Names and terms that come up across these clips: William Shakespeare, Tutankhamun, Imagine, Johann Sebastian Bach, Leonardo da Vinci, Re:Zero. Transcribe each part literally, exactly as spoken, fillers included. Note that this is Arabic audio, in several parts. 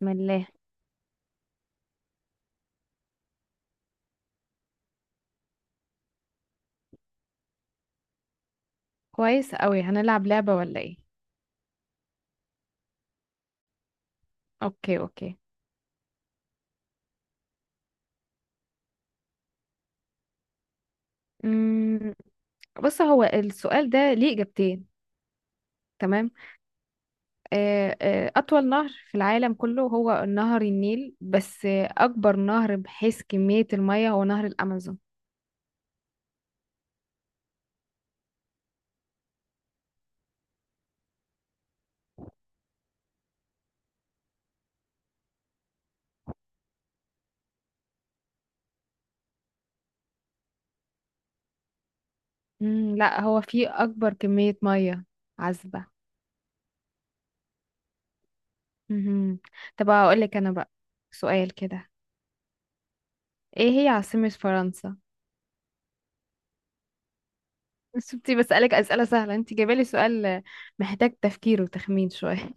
بسم الله. كويس قوي، هنلعب لعبة ولا ايه؟ اوكي، اوكي. امم بص، هو السؤال ده ليه إجابتين. تمام. آه، آه، أطول نهر في العالم كله هو نهر النيل، بس آه، أكبر نهر بحيث كمية المية هو نهر الأمازون. مم، لا، هو فيه أكبر كمية مية عذبة. مهم. طب هقولك أنا بقى سؤال كده، إيه هي عاصمة فرنسا؟ شفتي؟ بسألك أسئلة سهلة، أنت جايبالي سؤال آه، محتاج تفكير وتخمين شوية.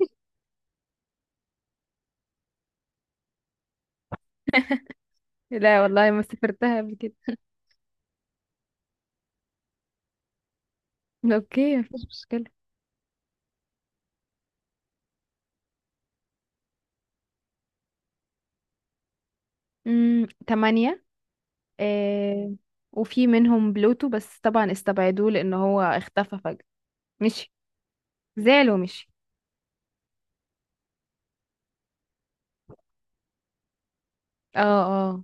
لا والله، ما سافرتها قبل كده. اوكي، مفيش مشكلة. امم تمانية. آه، وفي منهم بلوتو، بس طبعا استبعدوه لان هو اختفى فجأة. مشي. زعل ومشي. اه، اه.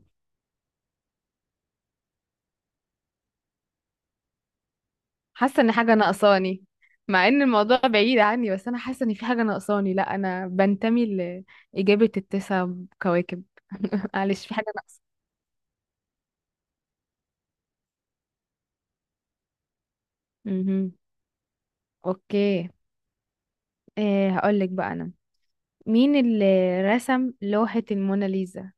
حاسة ان حاجة ناقصاني، مع ان الموضوع بعيد عني، بس انا حاسة ان في حاجة ناقصاني. لا، انا بنتمي لإجابة التسع كواكب. معلش، في حاجة ناقصة. مهم. اوكي. آه هقولك بقى انا، مين اللي رسم لوحة الموناليزا؟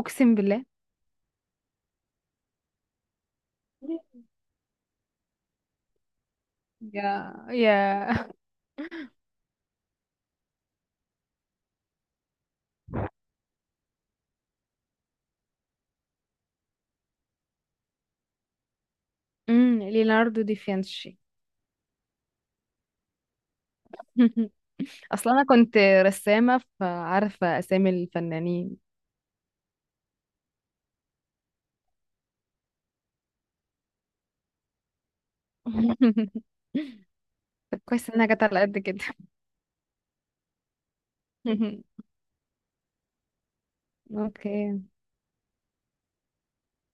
اقسم بالله. يا يا. امم ليوناردو دي فينشي. اصلا انا كنت رسامه، فعارفه اسامي الفنانين. طب كويس انها جت على قد كده. اوكي.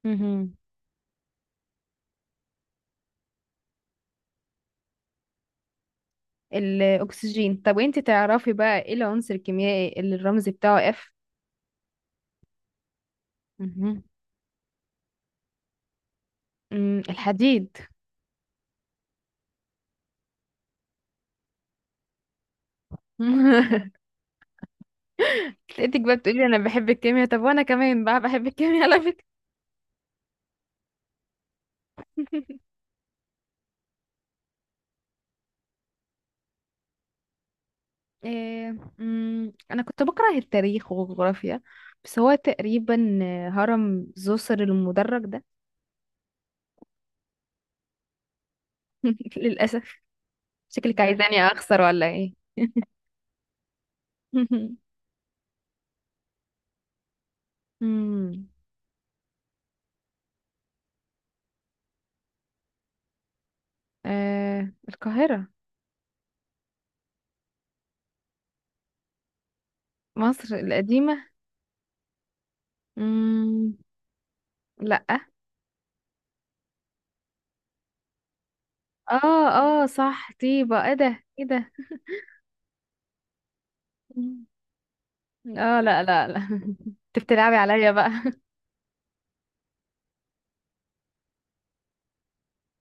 مهم. الاكسجين. طب وانت تعرفي بقى، ايه العنصر الكيميائي اللي الرمز بتاعه اف؟ مهم. مم، الحديد. لقيتك بقى بتقولي انا بحب الكيمياء، طب وانا كمان بقى بحب الكيمياء على فكره. إيه؟ مم، أنا كنت بكره التاريخ والجغرافيا، بس هو تقريبا آه، هرم زوسر المدرج ده. للأسف. شكلك عايزاني أخسر ولا إيه؟ مم. آه، القاهرة. مصر القديمة. مم. لأ. اه، اه، صح، طيبة. ايه ده؟ ايه ده؟ مم. اه، لا، لا، لا. انت بتلعبي عليا بقى.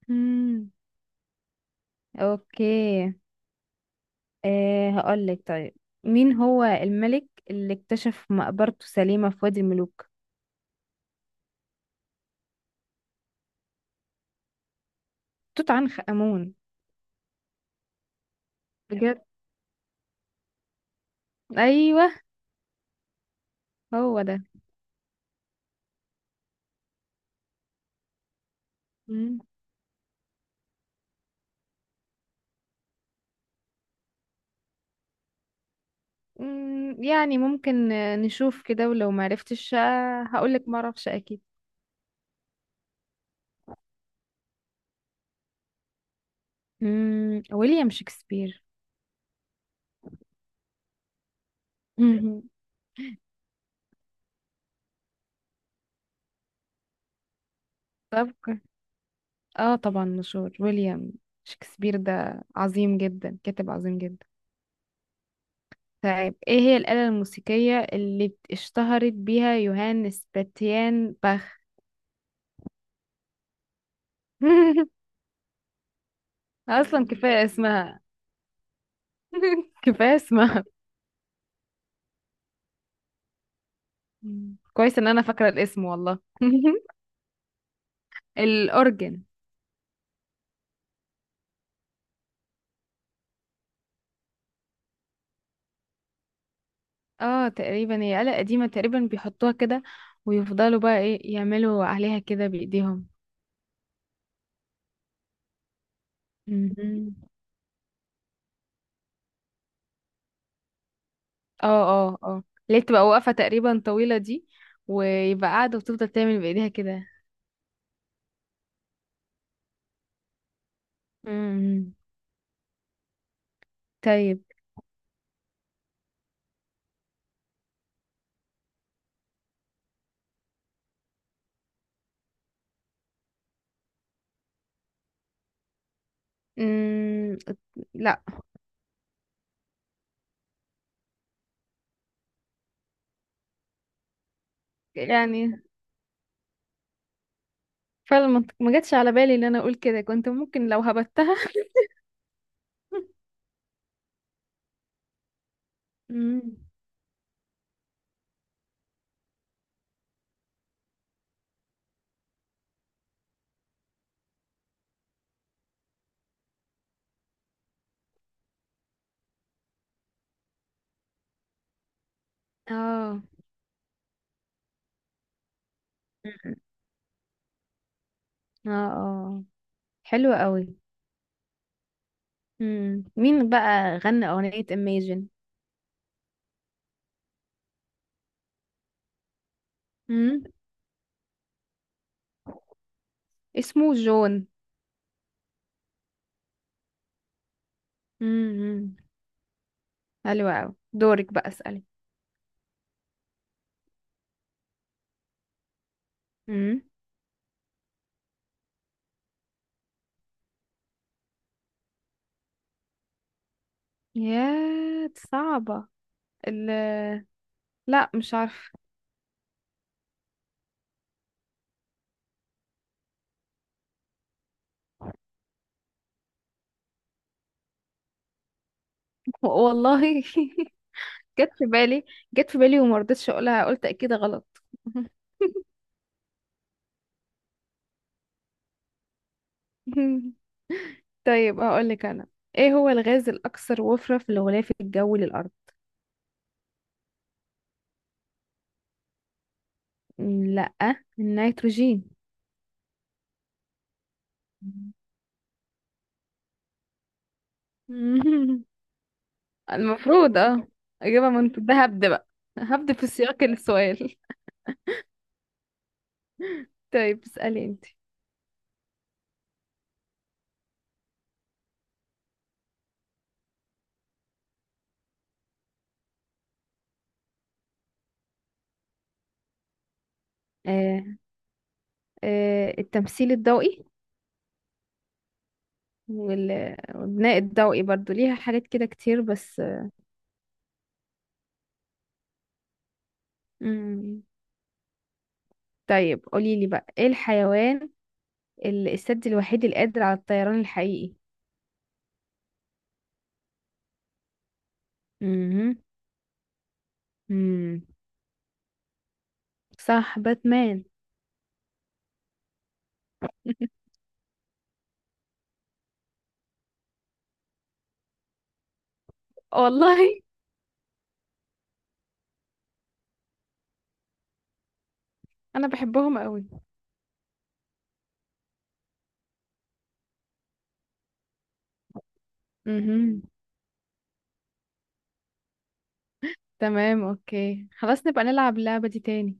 مم. اوكي. أه هقولك طيب، مين هو الملك اللي اكتشف مقبرته سليمة في وادي الملوك؟ توت عنخ آمون. بجد. أيوه، هو ده. مم. مم، يعني ممكن آه، نشوف كده، ولو معرفتش آه، هقولك معرفش أكيد. مم، ويليام شكسبير. مهم. طب ك- اه طبعا، مشهور. ويليام شكسبير ده عظيم جدا، كاتب عظيم جدا. طيب، ايه هي الآلة الموسيقية اللي اشتهرت بيها يوهان سباتيان باخ؟ اصلا كفايه اسمها. كفايه اسمها. مم. كويس ان انا فاكره الاسم، والله. الاورجن. اه، تقريبا هي آلة قديمه، تقريبا بيحطوها كده، ويفضلوا بقى ايه يعملوا عليها كده بايديهم. مهم. اه، اه، اه، اللي هي بتبقى واقفه تقريبا، طويله دي، ويبقى قاعده وتفضل تعمل بايديها كده. مم. طيب. مم. لا. يعني فعلا ما ما جاتش على بالي ان انا اقول كده، كنت ممكن لو هبتها. مم. اه، اه، اه، حلوة قوي. مم. مين بقى غنى أغنية Imagine؟ مم. اسمه جون. مم. حلوة قوي، دورك بقى، اسألي. مم. يا دي صعبة. ال لا، مش عارفة. والله. جت في بالي. جت في بالي وما رضيتش اقولها، قلت اكيد غلط. طيب هقولك انا، ايه هو الغاز الاكثر وفرة في الغلاف الجوي للارض؟ م، لا، النيتروجين. المفروض، اه، اجابه منطقيه، ده هبد بقى. هبد في سياق السؤال. طيب، اسالي انت. آه آه التمثيل الضوئي. وال- والبناء الضوئي برضو ليها حاجات كده كتير، بس. مم. طيب قولي لي بقى، ايه الحيوان ال- السد الوحيد القادر على الطيران الحقيقي؟ امم امم صح، باتمان. والله. انا بحبهم قوي. امم تمام. اوكي، خلاص، نبقى نلعب اللعبة دي تاني.